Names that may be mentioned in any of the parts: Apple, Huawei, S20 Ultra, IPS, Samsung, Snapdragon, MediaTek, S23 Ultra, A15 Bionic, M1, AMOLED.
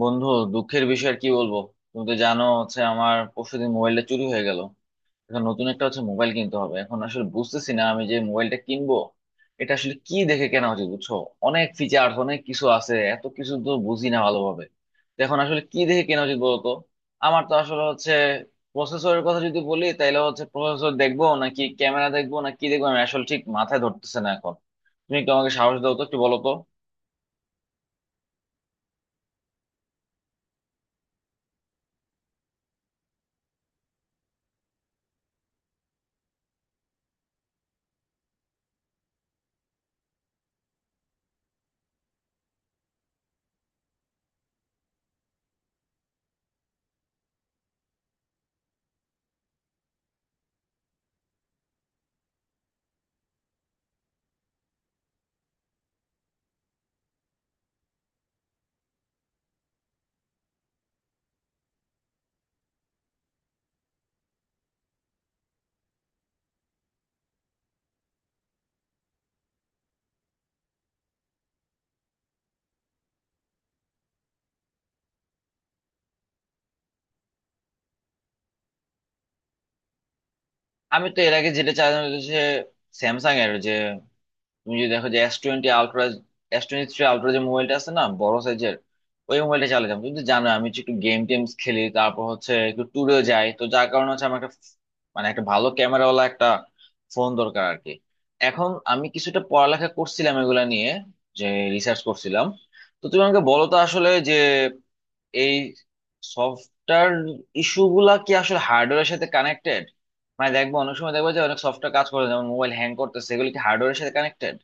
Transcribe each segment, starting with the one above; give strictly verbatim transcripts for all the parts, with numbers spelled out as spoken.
বন্ধু, দুঃখের বিষয় আর কি বলবো। তুমি তো জানো হচ্ছে আমার পরশুদিন মোবাইলটা চুরি হয়ে গেল। এখন নতুন একটা হচ্ছে মোবাইল কিনতে হবে। এখন আসলে বুঝতেছি না আমি যে মোবাইলটা কিনবো এটা আসলে কি দেখে কেনা উচিত, বুঝছো? অনেক ফিচার অনেক কিছু আছে, এত কিছু তো বুঝি না ভালোভাবে। তো এখন আসলে কি দেখে কেনা উচিত বলতো? আমার তো আসলে হচ্ছে প্রসেসরের কথা যদি বলি তাহলে হচ্ছে প্রসেসর দেখবো নাকি ক্যামেরা দেখবো, না কি দেখবো আমি আসলে ঠিক মাথায় ধরতেছে না এখন। তুমি একটু আমাকে সাহস দাও তো, একটু বলো তো। আমি তো এর আগে যেটা চাইলাম যে স্যামসাং এর যে, তুমি যদি দেখো যে S twenty Ultra, S twenty three Ultra যে মোবাইলটা আছে না বড় সাইজের, ওই মোবাইলটা চালিয়ে যাবো। তুমি তো জানো আমি হচ্ছে একটু গেম টেমস খেলি, তারপর হচ্ছে একটু ট্যুরেও যাই, তো যার কারণে হচ্ছে আমার একটা মানে একটা ভালো ক্যামেরাওয়ালা একটা ফোন দরকার আর কি। এখন আমি কিছুটা পড়ালেখা করছিলাম এগুলা নিয়ে, যে রিসার্চ করছিলাম। তো তুমি আমাকে বলো তো আসলে যে এই সফটওয়্যার ইস্যু গুলা কি আসলে হার্ডওয়্যারের সাথে কানেক্টেড? মানে দেখবো অনেক সময় দেখবো যে অনেক সফটওয়্যার কাজ করে না, যেমন মোবাইল হ্যাং করতেছে, এগুলো কি হার্ডওয়্যারের সাথে কানেক্টেড?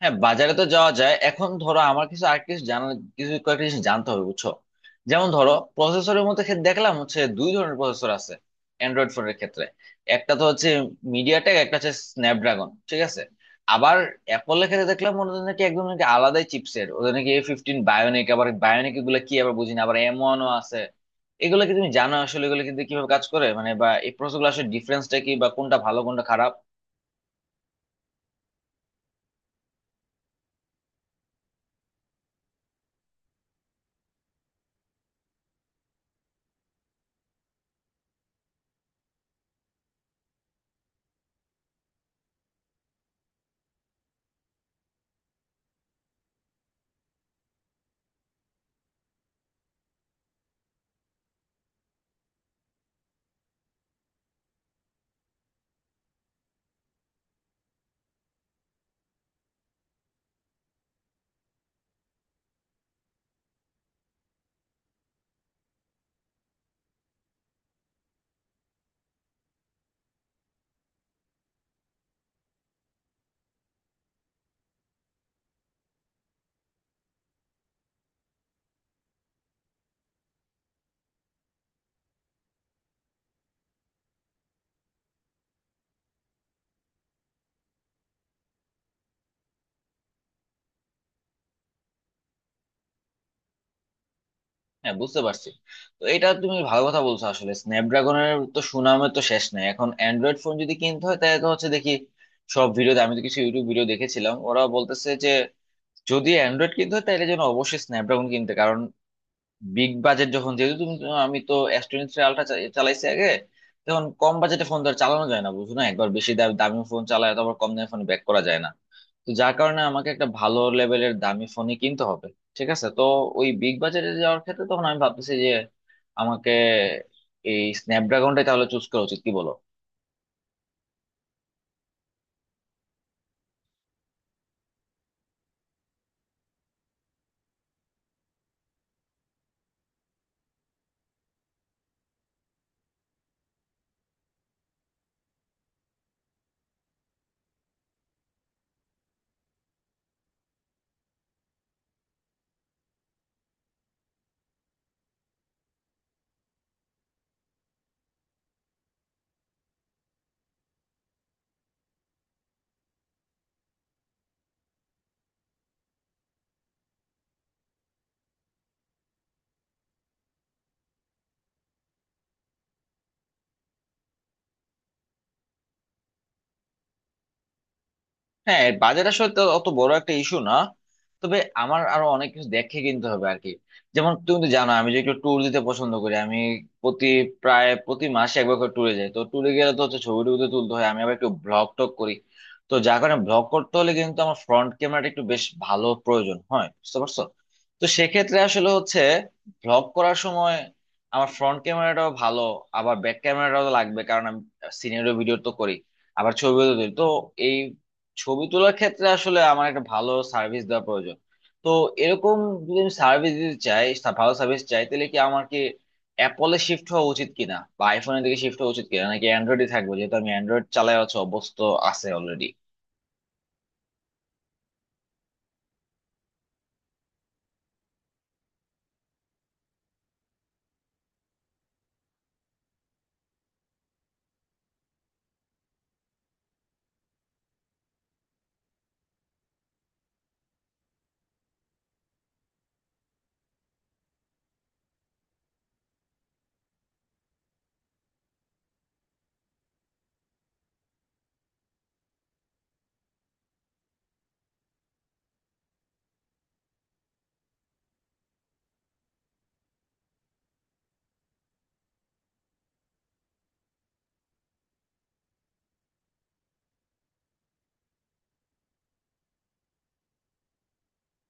হ্যাঁ, বাজারে তো যাওয়া যায়। এখন ধরো আমার কিছু আর কিছু জানা কিছু কয়েকটা জিনিস জানতে হবে, বুঝছো। যেমন ধরো প্রসেসরের মধ্যে ক্ষেত্রে দেখলাম হচ্ছে দুই ধরনের প্রসেসর আছে অ্যান্ড্রয়েড ফোনের ক্ষেত্রে। একটা তো হচ্ছে মিডিয়াটেক, একটা হচ্ছে স্ন্যাপড্রাগন, ঠিক আছে। আবার অ্যাপলের ক্ষেত্রে দেখলাম ওদের নাকি একদম নাকি আলাদাই চিপসেট, ওদের নাকি এ ফিফটিন বায়োনিক, আবার বায়োনিক এগুলো কি আবার বুঝিনা, আবার এম ওয়ানও আছে। এগুলো কি তুমি জানো আসলে এগুলো কিন্তু কিভাবে কাজ করে, মানে বা এই প্রসেসগুলো আসলে ডিফারেন্সটা কি, বা কোনটা ভালো কোনটা খারাপ? হ্যাঁ, বুঝতে পারছি। তো এটা তুমি ভালো কথা বলছো, আসলে স্ন্যাপড্রাগনের তো সুনামের তো শেষ নাই। এখন অ্যান্ড্রয়েড ফোন যদি কিনতে হয় তাহলে তো হচ্ছে দেখি সব ভিডিওতে, আমি তো কিছু ইউটিউব ভিডিও দেখেছিলাম, ওরা বলতেছে যে যদি অ্যান্ড্রয়েড কিনতে হয় তাহলে যেন অবশ্যই স্ন্যাপড্রাগন কিনতে, কারণ বিগ বাজেট যখন যেহেতু তুমি, আমি তো এস টোয়েন্টি থ্রি আলট্রা চালাইছি আগে। তখন কম বাজেটে ফোন তো আর চালানো যায় না, বুঝো না, একবার বেশি দাম দামি ফোন চালায় তো আবার কম দামি ফোন ব্যাক করা যায় না। তো যার কারণে আমাকে একটা ভালো লেভেলের দামি ফোনই কিনতে হবে, ঠিক আছে। তো ওই বিগ বাজারে যাওয়ার ক্ষেত্রে তখন আমি ভাবতেছি যে আমাকে এই স্ন্যাপড্রাগনটাই তাহলে চুজ করা উচিত, কি বলো? হ্যাঁ, বাজেট আসলে তো অত বড় একটা ইস্যু না, তবে আমার আরো অনেক কিছু দেখে কিনতে হবে আর কি। যেমন তুমি তো জানো আমি যে একটু ট্যুর দিতে পছন্দ করি, আমি প্রতি প্রায় প্রতি মাসে একবার করে ট্যুরে যাই। তো ট্যুরে গেলে তো হচ্ছে ছবি টবি তো তুলতে হয়, আমি আবার একটু ব্লগ টক করি। তো যার কারণে ব্লগ করতে হলে কিন্তু আমার ফ্রন্ট ক্যামেরাটা একটু বেশ ভালো প্রয়োজন হয়, বুঝতে পারছো। তো সেক্ষেত্রে আসলে হচ্ছে ব্লগ করার সময় আমার ফ্রন্ট ক্যামেরাটাও ভালো, আবার ব্যাক ক্যামেরাটাও লাগবে, কারণ আমি সিনিয়র ভিডিও তো করি, আবার ছবিও তো তুলি। তো এই ছবি তোলার ক্ষেত্রে আসলে আমার একটা ভালো সার্ভিস দেওয়া প্রয়োজন। তো এরকম যদি আমি সার্ভিস দিতে চাই, সা- ভালো সার্ভিস চাই, তাহলে কি আমার কি অ্যাপলে শিফট হওয়া উচিত কিনা, বা আইফোনের দিকে শিফট হওয়া উচিত কিনা, নাকি অ্যান্ড্রয়েডে থাকবো যেহেতু আমি অ্যান্ড্রয়েড চালাই, হচ্ছে অভ্যস্ত আছে অলরেডি।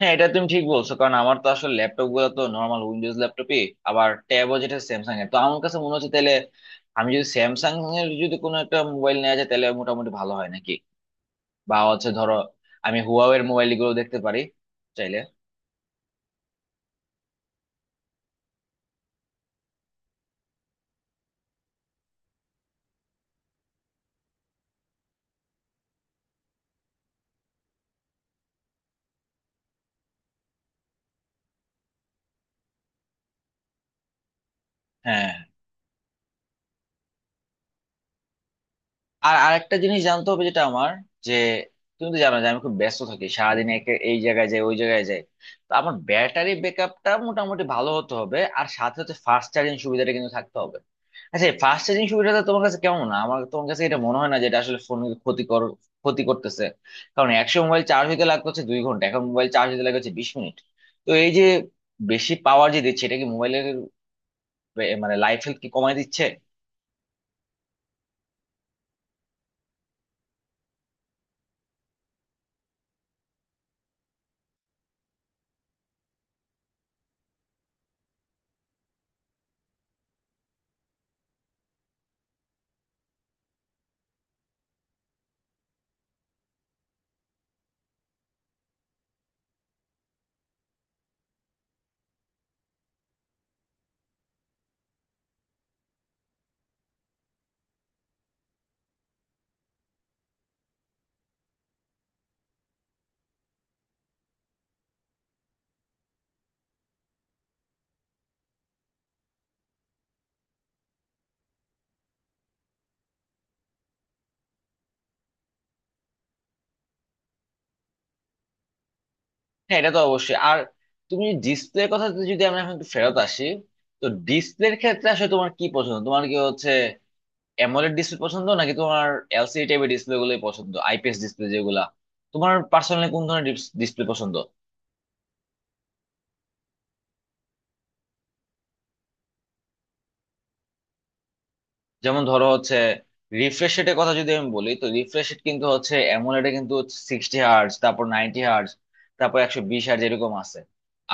হ্যাঁ, এটা তুমি ঠিক বলছো, কারণ আমার তো আসলে ল্যাপটপ গুলো তো নর্মাল উইন্ডোজ ল্যাপটপই। আবার ট্যাবও যেটা স্যামসাং এর। তো আমার কাছে মনে হচ্ছে তাহলে আমি যদি স্যামসাং এর যদি কোনো একটা মোবাইল নেওয়া যায় তাহলে মোটামুটি ভালো হয় নাকি, বা হচ্ছে ধরো আমি হুয়াওয়ের মোবাইল গুলো দেখতে পারি চাইলে। হ্যাঁ। আর আরেকটা জিনিস জানতে হবে যেটা আমার, যে তুমি তো জানো যে আমি খুব ব্যস্ত থাকি সারাদিন, একে এই জায়গায় যাই ওই জায়গায় যাই। তো আমার ব্যাটারি ব্যাকআপটা মোটামুটি ভালো হতে হবে, আর সাথে সাথে ফাস্ট চার্জিং সুবিধাটা কিন্তু থাকতে হবে। আচ্ছা, এই ফাস্ট চার্জিং সুবিধাটা তোমার কাছে কেমন, না আমার তোমার কাছে এটা মনে হয় না যে এটা আসলে ফোন ক্ষতিকর ক্ষতি করতেছে? কারণ একশো মোবাইল চার্জ হইতে লাগতো হচ্ছে দুই ঘন্টা, এখন মোবাইল চার্জ হইতে লাগে হচ্ছে বিশ মিনিট। তো এই যে বেশি পাওয়ার যে দিচ্ছে এটা কি মোবাইলের মানে লাইফ হেল্থ কি কমায় দিচ্ছে? হ্যাঁ, এটা তো অবশ্যই। আর তুমি ডিসপ্লের কথা যদি যদি আমরা এখন একটু ফেরত আসি, তো ডিসপ্লের ক্ষেত্রে আসলে তোমার কি পছন্দ, তোমার কি হচ্ছে অ্যামোলেড ডিসপ্লে পছন্দ নাকি তোমার এলসিডি টাইপের ডিসপ্লে গুলোই পছন্দ, আইপিএস ডিসপ্লে যেগুলা? তোমার পার্সোনালি কোন ধরনের ডিসপ্লে পছন্দ? যেমন ধরো হচ্ছে রিফ্রেশ রেটের কথা যদি আমি বলি, তো রিফ্রেশ রেট কিন্তু হচ্ছে এমন, এটা কিন্তু সিক্সটি হার্জ, তারপর নাইনটি হার্জ, তারপর একশো বিশ হার্জ, এরকম আছে।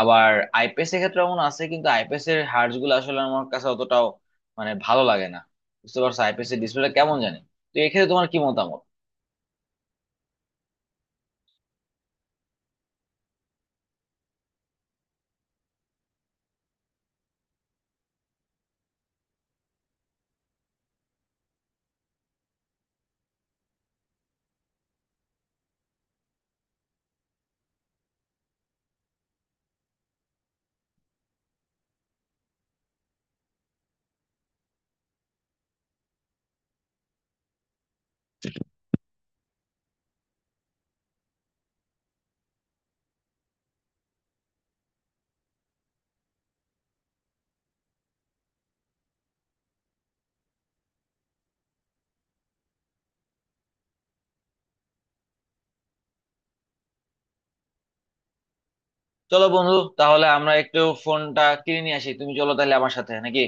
আবার আইপিএস এর ক্ষেত্রে এমন আছে, কিন্তু আইপিএস এর হার্জ গুলো আসলে আমার কাছে অতটাও মানে ভালো লাগে না, বুঝতে পারছো, আইপিএস এর ডিসপ্লেটা কেমন জানি। তো এক্ষেত্রে তোমার কি মতামত? চলো বন্ধু, তাহলে আমরা একটু ফোনটা কিনে নিয়ে আসি, তুমি চলো তাহলে আমার সাথে নাকি।